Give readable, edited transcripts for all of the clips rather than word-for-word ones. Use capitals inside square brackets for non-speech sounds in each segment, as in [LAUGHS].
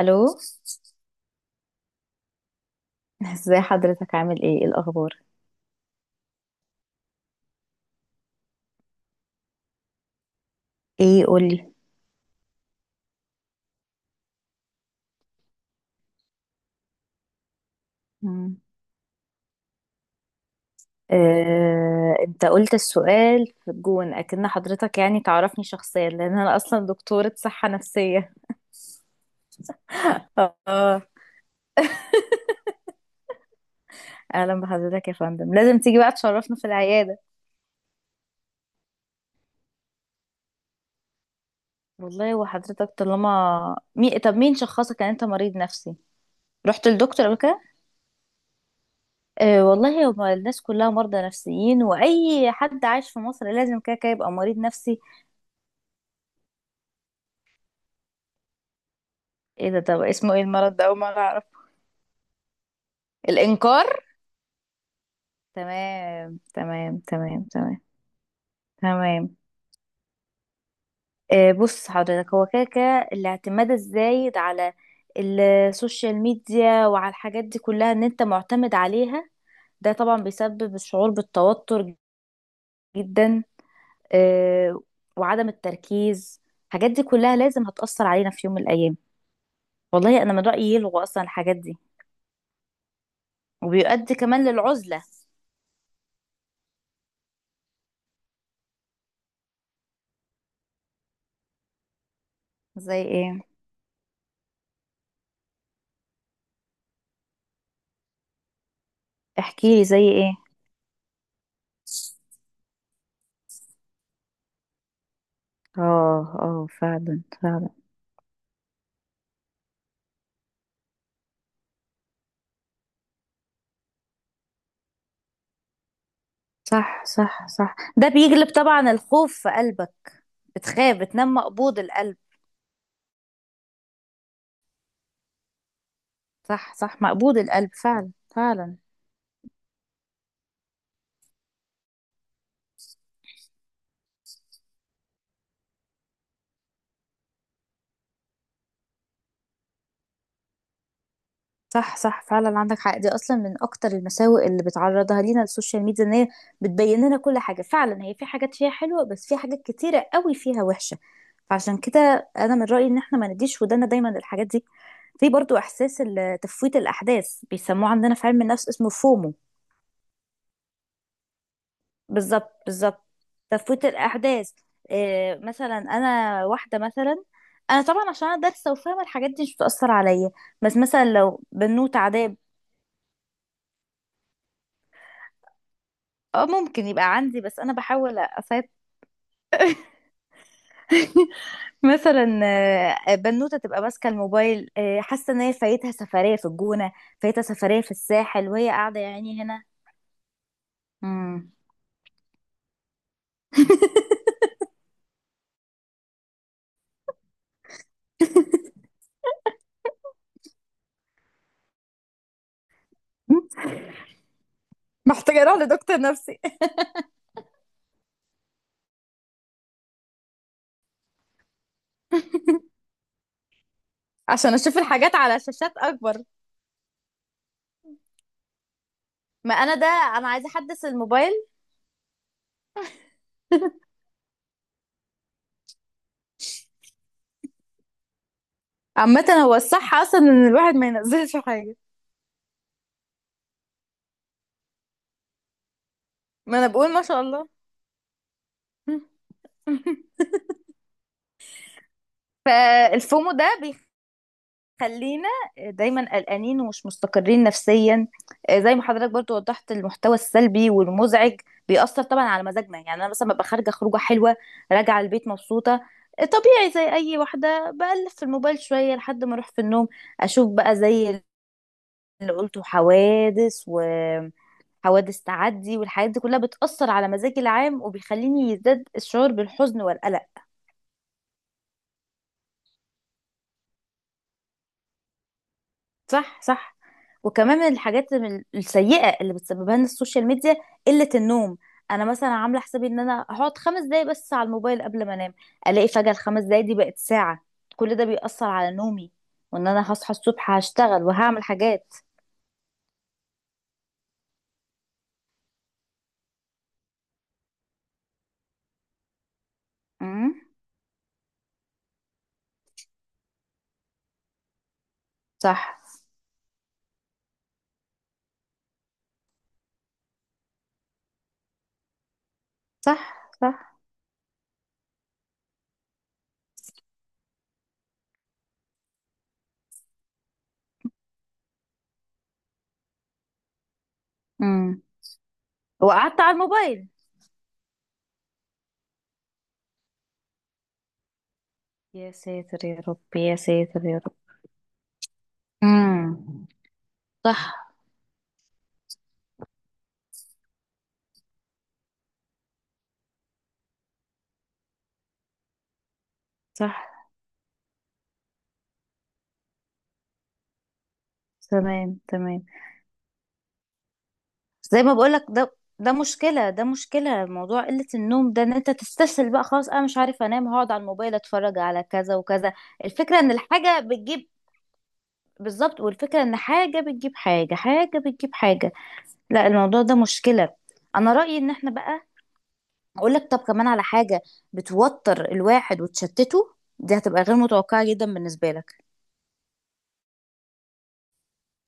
الو. ازاي حضرتك؟ عامل ايه؟ إيه الاخبار؟ ايه، قولي. مم. انت قلت السؤال في الجون اكن حضرتك يعني تعرفني شخصيا، لان انا اصلا دكتورة صحة نفسية. [LAUGHS] اه. اهلا بحضرتك يا فندم، لازم تيجي بقى تشرفنا في العيادة. والله، وحضرتك طالما طب مين شخصك ان انت مريض نفسي؟ رحت للدكتور قبل كده؟ آه والله، هو الناس كلها مرضى نفسيين، واي حد عايش في مصر لازم كده كده يبقى مريض نفسي. ايه ده؟ طب اسمه ايه المرض ده؟ اول مرة أعرفه. الإنكار. تمام، تمام، تمام، تمام، تمام. بص حضرتك، هو كده كده الاعتماد الزايد على السوشيال ميديا وعلى الحاجات دي كلها، ان انت معتمد عليها، ده طبعا بيسبب الشعور بالتوتر جدا، آه، وعدم التركيز. الحاجات دي كلها لازم هتأثر علينا في يوم من الأيام. والله أنا من رأيي يلغوا أصلا الحاجات دي. وبيؤدي كمان للعزلة. زي ايه؟ احكيلي زي ايه. اه اه، فعلا فعلا. صح، صح، صح، ده بيجلب طبعا الخوف في قلبك. بتخاف، بتنام مقبوض القلب. صح صح، مقبوض القلب فعلا. فعلا. صح صح، فعلا عندك حق، دي اصلا من اكتر المساوئ اللي بتعرضها لينا السوشيال ميديا، ان هي بتبين لنا كل حاجه، فعلا هي في حاجات فيها حلوه بس في حاجات كتيره قوي فيها وحشه، فعشان كده انا من رايي ان احنا ما نديش ودانا دايما للحاجات دي. في برضو احساس تفويت الاحداث، بيسموه عندنا في علم النفس اسمه فومو. بالظبط بالظبط. تفويت الاحداث. إيه مثلا؟ انا واحده مثلا، انا طبعا عشان انا دارسه وفاهمه الحاجات دي مش بتاثر عليا، بس مثلا لو بنوت عذاب. اه ممكن يبقى عندي، بس انا بحاول اسيطر. [LAUGHS] مثلا بنوته تبقى ماسكه الموبايل، حاسه ان هي فايتها سفريه في الجونه، فايتها سفريه في الساحل وهي قاعده يا عيني هنا. مم. [LAUGHS] محتاجه اروح لدكتور نفسي. [LAUGHS] عشان اشوف الحاجات على شاشات اكبر. ما انا ده انا عايزه احدث الموبايل. عامة هو الصح اصلا ان الواحد ما ينزلش حاجة. ما انا بقول ما شاء الله. [LAUGHS] فالفومو ده بيخلينا دايما قلقانين ومش مستقرين نفسيا. زي ما حضرتك برضو وضحت، المحتوى السلبي والمزعج بيأثر طبعا على مزاجنا. يعني انا مثلا ببقى خارجة خروجة حلوة، راجعة البيت مبسوطة، طبيعي زي اي واحدة بقلب في الموبايل شوية لحد ما اروح في النوم، اشوف بقى زي اللي قلته، حوادث تعدي والحاجات دي كلها بتأثر على مزاجي العام، وبيخليني يزداد الشعور بالحزن والقلق. صح صح. وكمان من الحاجات من السيئة اللي بتسببها لنا السوشيال ميديا قلة النوم. انا مثلا عامله حسابي ان انا هقعد 5 دقايق بس على الموبايل قبل ما انام، الاقي فجأة الـ5 دقايق دي بقت ساعة. كل ده بيأثر على نومي، وان انا هصحى الصبح هشتغل وهعمل حاجات. امم. صح صح صح. امم. وقعدت على الموبايل؟ يا ساتر يا رب، يا ساتر يا رب. امم. صح صح. تمام تمام. زي ما بقولك ده، ده مشكلة، ده مشكلة، موضوع قلة النوم ده، ان انت تستسهل بقى خلاص انا مش عارف انام، هقعد على الموبايل اتفرج على كذا وكذا. الفكرة ان الحاجة بتجيب، بالظبط، والفكرة ان حاجة بتجيب حاجة، حاجة بتجيب حاجة. لا الموضوع ده مشكلة. انا رأيي ان احنا بقى، اقول لك طب كمان على حاجة بتوتر الواحد وتشتته، دي هتبقى غير متوقعة جدا بالنسبة لك: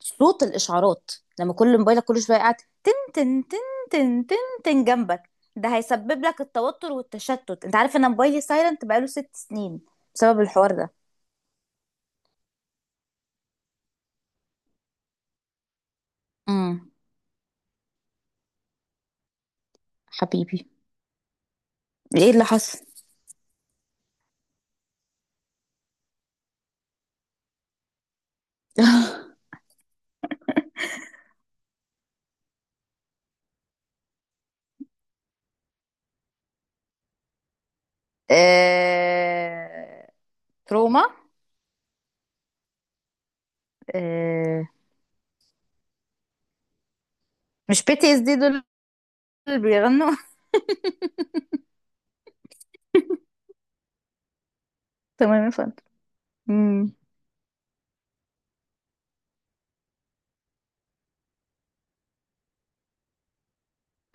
صوت الاشعارات. لما كل موبايلك كل شوية قاعد تن تن، تن تن، تن جنبك، ده هيسبب لك التوتر والتشتت. انت عارف انا موبايلي سايلنت بقاله 6 سنين، بسبب الحوار ده. امم. حبيبي، ايه اللي حصل؟ آه، تروما. آه، مش بي تي اس دي دول اللي بيغنوا. [LAUGHS] تمام يا فندم. امم.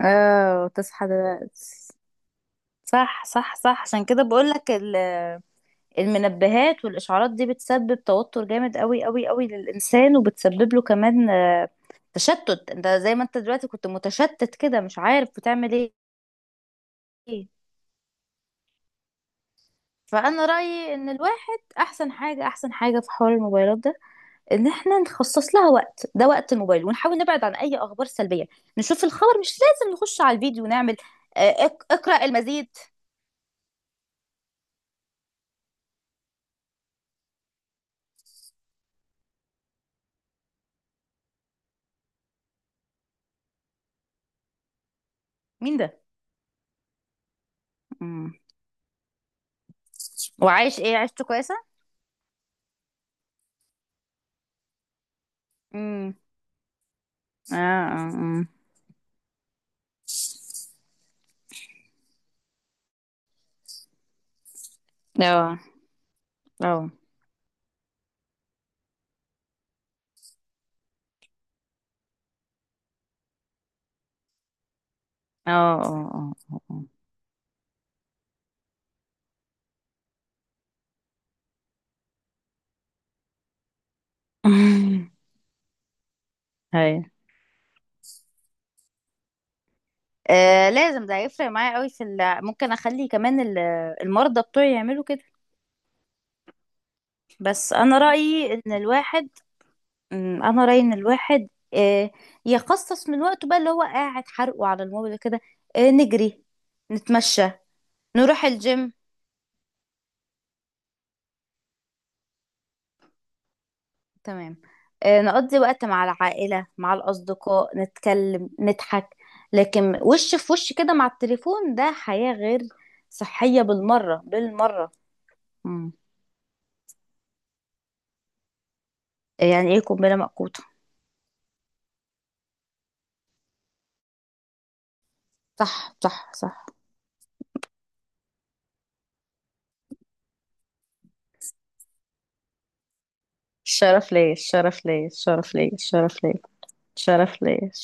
اه، تصحى دلوقتي؟ صح صح صح، عشان كده بقول لك، المنبهات والإشعارات دي بتسبب توتر جامد قوي قوي قوي للإنسان، وبتسبب له كمان تشتت. انت زي ما انت دلوقتي كنت متشتت كده مش عارف بتعمل ايه. فأنا رأيي إن الواحد أحسن حاجة، أحسن حاجة في حوار الموبايلات ده، إن احنا نخصص لها وقت، ده وقت الموبايل، ونحاول نبعد عن أي أخبار سلبية. نشوف الخبر، مش لازم نخش على الفيديو ونعمل آه، اقرأ المزيد. مين ده؟ مم. وعايش ايه؟ عيشته كويسة؟ امم. اه اه اه اه. آه. اه اه اه اه. آه. [LAUGHS] هاي. آه لازم، ده هيفرق معايا قوي في ممكن اخلي كمان المرضى بتوعي يعملوا كده. بس انا رايي ان الواحد، انا رايي ان الواحد يخصص من وقته بقى، اللي هو قاعد حرقه على الموبايل كده، نجري، نتمشى، نروح الجيم. تمام. نقضي وقت مع العائله مع الاصدقاء، نتكلم، نضحك، لكن وش في وش كده مع التليفون ده حياه غير صحيه بالمره بالمره. مم. يعني ايه قنبلة موقوتة؟ صح صح صح. الشرف ليا، الشرف ليا، الشرف ليا، الشرف ليا، الشرف ليا.